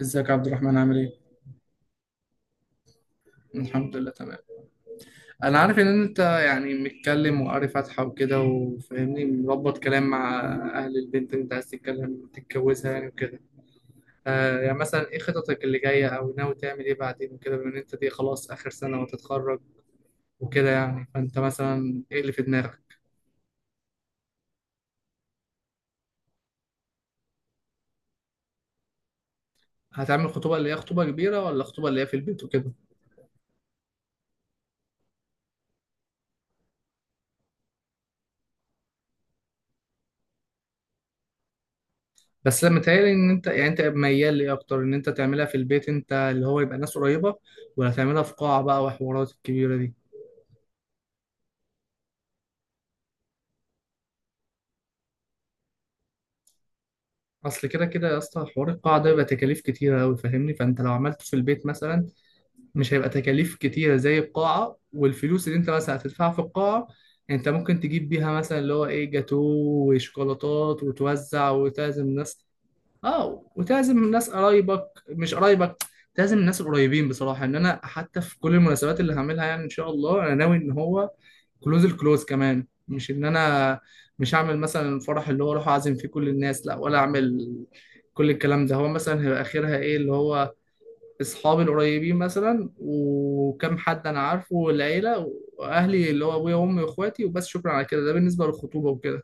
ازيك يا عبد الرحمن؟ عامل ايه؟ الحمد لله تمام. انا عارف ان انت يعني متكلم وقاري فاتحة وكده، وفاهمني مربط كلام مع اهل البنت اللي انت عايز تتكلم تتجوزها يعني وكده. آه يعني مثلا ايه خططك اللي جاية او ناوي تعمل ايه بعدين وكده، بما ان انت دي خلاص اخر سنة وتتخرج وكده يعني؟ فانت مثلا ايه اللي في دماغك؟ هتعمل خطوبة اللي هي خطوبة كبيرة، ولا خطوبة اللي هي في البيت وكده؟ بس لما متهيألي ان انت يعني انت ميال ليه اكتر، ان انت تعملها في البيت انت اللي هو يبقى ناس قريبة، ولا تعملها في قاعة بقى وحوارات الكبيرة دي؟ اصل كده كده يا اسطى حوار القاعه ده بيبقى تكاليف كتيره قوي فاهمني، فانت لو عملته في البيت مثلا مش هيبقى تكاليف كتيره زي القاعه، والفلوس اللي انت مثلا هتدفعها في القاعه انت ممكن تجيب بيها مثلا اللي هو ايه، جاتو وشوكولاتات وتوزع وتعزم ناس. اه وتعزم ناس قرايبك مش قرايبك، تعزم الناس القريبين. بصراحه ان انا حتى في كل المناسبات اللي هعملها يعني ان شاء الله انا ناوي ان هو الكلوز كمان، مش ان انا مش هعمل مثلا الفرح اللي هو اروح اعزم فيه كل الناس، لا، ولا اعمل كل الكلام ده. هو مثلا هيبقى اخرها ايه؟ اللي هو اصحابي القريبين مثلا وكم حد انا عارفه، والعيله واهلي اللي هو ابويا وامي واخواتي وبس، شكرا على كده. ده بالنسبه للخطوبه وكده.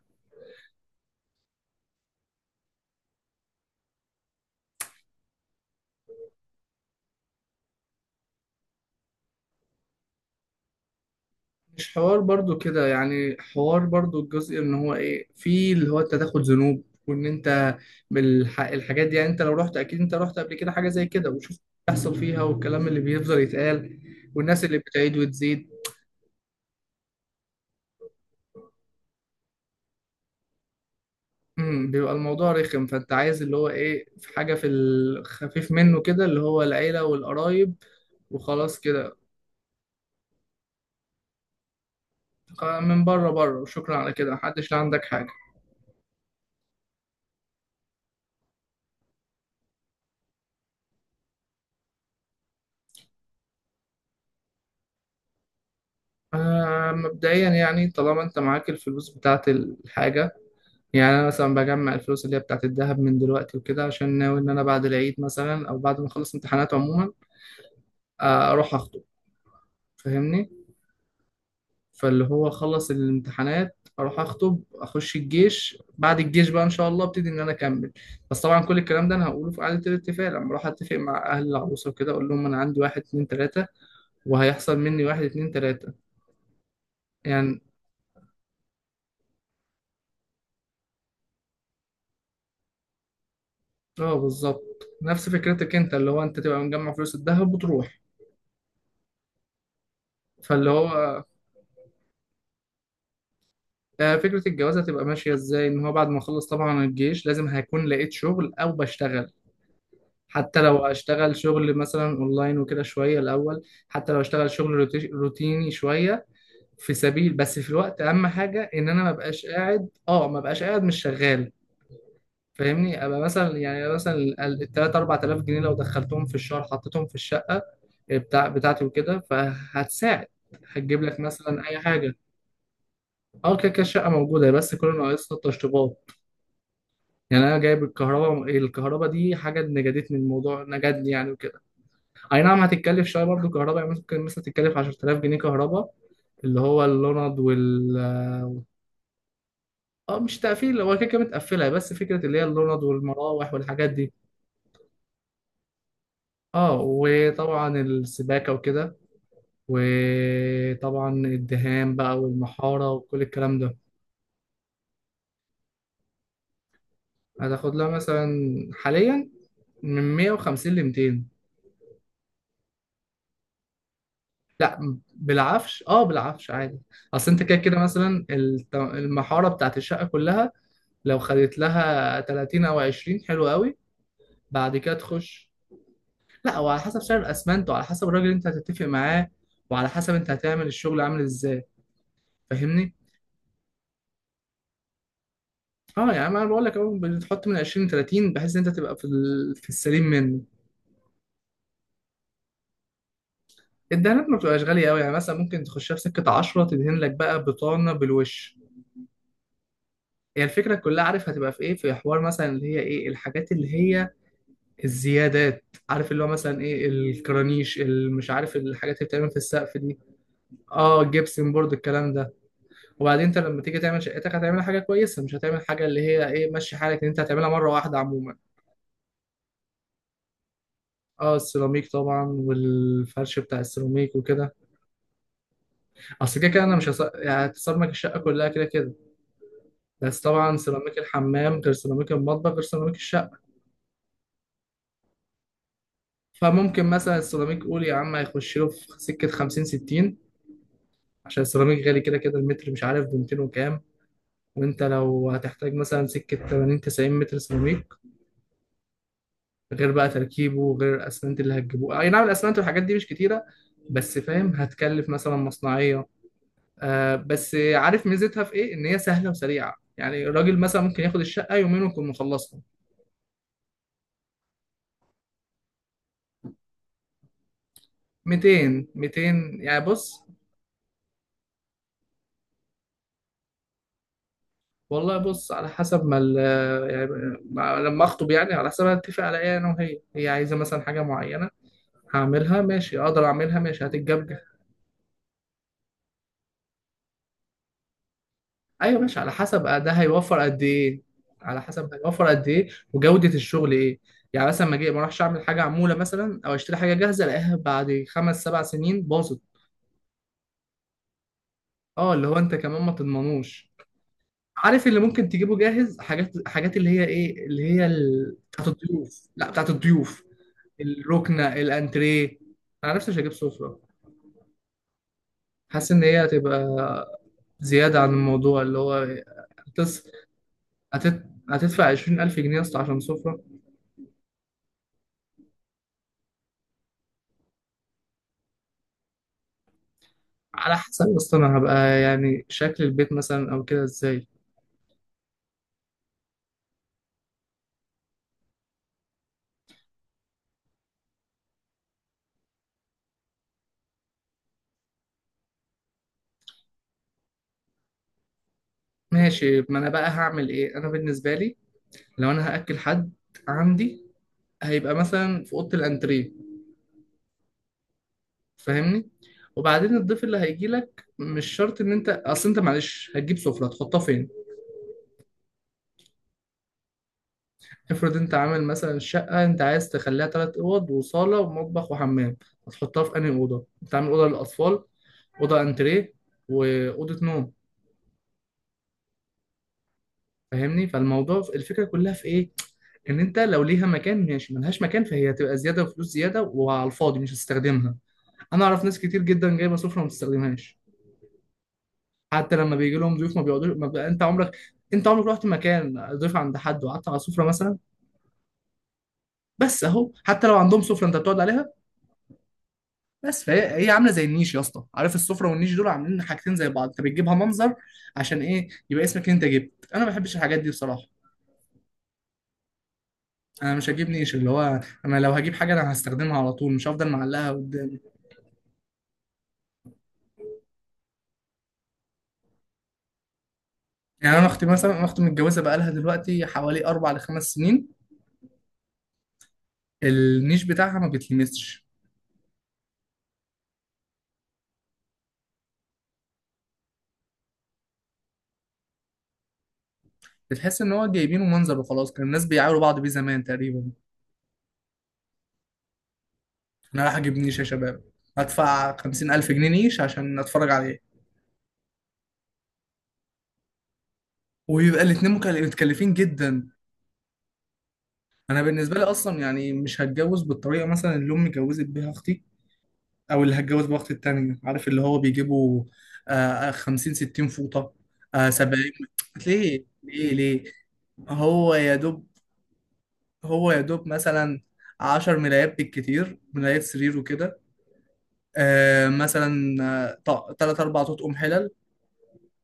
مش حوار برضو كده يعني، حوار برضو الجزء ان هو ايه، في اللي هو انت تاخد ذنوب وان انت الحاجات دي، يعني انت لو رحت اكيد انت رحت قبل كده حاجه زي كده وشفت اللي بيحصل فيها، والكلام اللي بيفضل يتقال والناس اللي بتعيد وتزيد. بيبقى الموضوع رخم. فانت عايز اللي هو ايه، في حاجه في الخفيف منه كده، اللي هو العيله والقرايب، وخلاص كده. من بره بره، وشكرا على كده محدش، لا عندك حاجه. آه مبدئيا يعني طالما انت معاك الفلوس بتاعت الحاجه، يعني انا مثلا بجمع الفلوس اللي هي بتاعت الذهب من دلوقتي وكده عشان ناوي ان انا بعد العيد مثلا، او بعد ما اخلص امتحانات عموما، آه، اروح اخطب. فاهمني، فاللي هو اخلص الامتحانات اروح اخطب، اخش الجيش، بعد الجيش بقى ان شاء الله ابتدي ان انا اكمل. بس طبعا كل الكلام ده انا هقوله في قعده الاتفاق لما اروح اتفق مع اهل العروسه وكده، اقول لهم انا عندي واحد اتنين تلاته وهيحصل مني واحد اتنين تلاته يعني. اه بالظبط، نفس فكرتك انت اللي هو انت تبقى مجمع فلوس الذهب وتروح. فاللي هو آه، فكرة الجواز هتبقى ماشية ازاي؟ ان هو بعد ما اخلص طبعا الجيش لازم هيكون لقيت شغل او بشتغل، حتى لو اشتغل شغل مثلا اونلاين وكده شوية الاول، حتى لو اشتغل شغل روتيني شوية في سبيل، بس في الوقت اهم حاجة ان انا ما بقاش قاعد، مش شغال. فاهمني ابقى مثلا، يعني مثلا ال 3 4000 جنيه لو دخلتهم في الشهر حطيتهم في الشقة آه، بتاعتي وكده فهتساعد، هتجيب لك مثلا اي حاجة. اه كده كده الشقة موجودة بس كل اللي ناقصها التشطيبات. يعني انا جايب الكهرباء دي حاجه نجدتني الموضوع، نجدني يعني وكده. اي نعم هتتكلف شويه برضو كهرباء، يعني ممكن مثلا تتكلف 10000 جنيه كهرباء اللي هو اللوند وال... اه مش تقفيل، هو كده كده متقفله، بس فكره اللي هي اللوند والمراوح والحاجات دي. اه وطبعا السباكه وكده، وطبعا الدهان بقى والمحاره وكل الكلام ده. هتاخد لها مثلا حاليا من 150 ل 200. لا بالعفش، اه بالعفش عادي. اصل انت كده كده مثلا المحاره بتاعت الشقه كلها لو خدت لها 30 او 20 حلو قوي، بعد كده تخش. لا، وعلى حسب سعر الاسمنت وعلى حسب الراجل اللي انت هتتفق معاه، وعلى حسب انت هتعمل الشغل عامل ازاي. فاهمني. اه يعني انا بقول لك اهو، بتحط من 20 ل 30 بحيث ان انت تبقى في ال-، في السليم منه. الدهانات ما بتبقاش غاليه قوي، يعني مثلا ممكن تخشها في سكه 10 تدهن لك بقى بطانه بالوش. هي يعني الفكره كلها عارف هتبقى في ايه، في حوار مثلا اللي هي ايه الحاجات اللي هي الزيادات، عارف اللي هو مثلا ايه، الكرانيش، مش عارف الحاجات اللي بتعمل في السقف دي. اه جبسن بورد الكلام ده. وبعدين انت لما تيجي تعمل شقتك هتعمل حاجه كويسه، مش هتعمل حاجه اللي هي ايه ماشي حالك، ان انت هتعملها مره واحده عموما. اه السيراميك طبعا، والفرش بتاع السيراميك وكده. اصل كده كده انا مش يعني هتصمك الشقه كلها كده كده، بس طبعا سيراميك الحمام غير سيراميك المطبخ غير سيراميك الشقه. فممكن مثلا السيراميك قول يا عم هيخش له في سكه 50 60، عشان السيراميك غالي كده كده المتر، مش عارف ب 200 وكام. وانت لو هتحتاج مثلا سكه 80 90 متر سيراميك، غير بقى تركيبه، وغير الاسمنت اللي هتجيبوه. اي نعم الاسمنت والحاجات دي مش كتيره، بس فاهم هتكلف مثلا مصنعيه. آه بس عارف ميزتها في ايه، ان هي سهله وسريعه، يعني الراجل مثلا ممكن ياخد الشقه يومين ويكون مخلصها. 200، 200 يعني. بص، والله بص على حسب ما ال-، يعني لما اخطب يعني، على حسب ما اتفق على ايه انا وهي، هي عايزه مثلا حاجه معينه هعملها ماشي، اقدر اعملها ماشي هتتجاب. ايوه ماشي، على حسب ده هيوفر قد ايه. على حسب هيوفر قد ايه، وجوده الشغل ايه. يعني مثلا ما اجي ما اروحش اعمل حاجه عموله مثلا، او اشتري حاجه جاهزه الاقيها بعد خمس سبع سنين باظت. اه، اللي هو انت كمان ما تضمنوش. عارف اللي ممكن تجيبه جاهز حاجات، اللي هي ايه اللي هي ال...، بتاعت الضيوف، لا بتاعت الضيوف الركنه الانتريه. انا نفسي مش هجيب سفره، حاسس ان هي هتبقى زياده عن الموضوع. اللي هو هتس... هتت... هتدفع 20000 جنيه يا اسطى عشان سفره؟ على حسب اصلا انا هبقى يعني شكل البيت مثلا او كده ازاي. ماشي، ما انا بقى هعمل ايه انا بالنسبه لي؟ لو انا هاكل حد عندي هيبقى مثلا في اوضه الانتريه. فاهمني، وبعدين الضيف اللي هيجي لك مش شرط ان انت، اصل انت معلش هتجيب سفره تحطها فين؟ افرض انت عامل مثلا شقه انت عايز تخليها ثلاث اوض وصاله ومطبخ وحمام، هتحطها في انهي اوضه؟ انت عامل اوضه للاطفال، اوضه انتريه، واوضه نوم. فاهمني، فالموضوع الفكره كلها في ايه، ان انت لو ليها مكان ماشي، ملهاش مكان فهي هتبقى زياده وفلوس زياده وعلى الفاضي مش هتستخدمها. انا اعرف ناس كتير جدا جايبه سفره ما بتستخدمهاش، حتى لما بيجي لهم ضيوف ما بيقعدوش. ما بقى انت عمرك، انت عمرك رحت مكان ضيف عند حد وقعدت على سفره مثلا؟ بس اهو حتى لو عندهم سفره انت بتقعد عليها؟ بس فهي هي عامله زي النيش يا اسطى، عارف السفره والنيش دول عاملين حاجتين زي بعض، انت بتجيبها منظر عشان ايه، يبقى اسمك انت جبت. انا ما بحبش الحاجات دي بصراحه، انا مش هجيب نيش. اللي هو انا لو هجيب حاجه انا هستخدمها على طول، مش هفضل معلقها قدام. يعني انا اختي مثلا، انا اختي متجوزه بقالها دلوقتي حوالي اربع لخمس سنين، النيش بتاعها ما بيتلمسش، بتحس ان هو جايبينه منظر وخلاص. كان الناس بيعايروا بعض بيه زمان تقريبا، انا رايح اجيب نيش يا شباب هدفع خمسين الف جنيه نيش عشان اتفرج عليه؟ ويبقى الاتنين متكلفين جدا. انا بالنسبه لي اصلا يعني مش هتجوز بالطريقه مثلا اللي امي اتجوزت بيها اختي، او اللي هتجوز بيها اختي التانيه، عارف اللي هو بيجيبوا آه 50 60 فوطه، آه 70، ليه ليه ليه؟ هو يا دوب، هو يا دوب مثلا 10 ملايات بالكتير، ملايات سرير وكده، آه مثلا آه، تلات أربع تطقم حلل.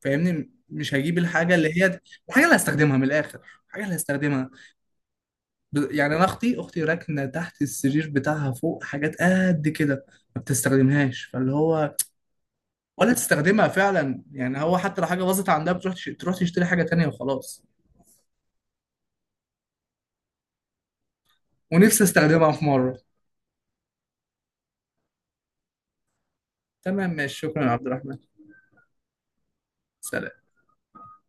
فاهمني مش هجيب الحاجة اللي هي، الحاجة اللي هستخدمها من الآخر، الحاجة اللي هستخدمها. يعني أنا أختي راكنة تحت السرير بتاعها فوق حاجات قد كده، ما بتستخدمهاش. فاللي هو ولا تستخدمها فعلا، يعني هو حتى لو حاجة باظت عندها بتروح تروح تشتري حاجة تانية وخلاص. ونفسي استخدمها في مرة. تمام ماشي، شكرا يا عبد الرحمن، سلام.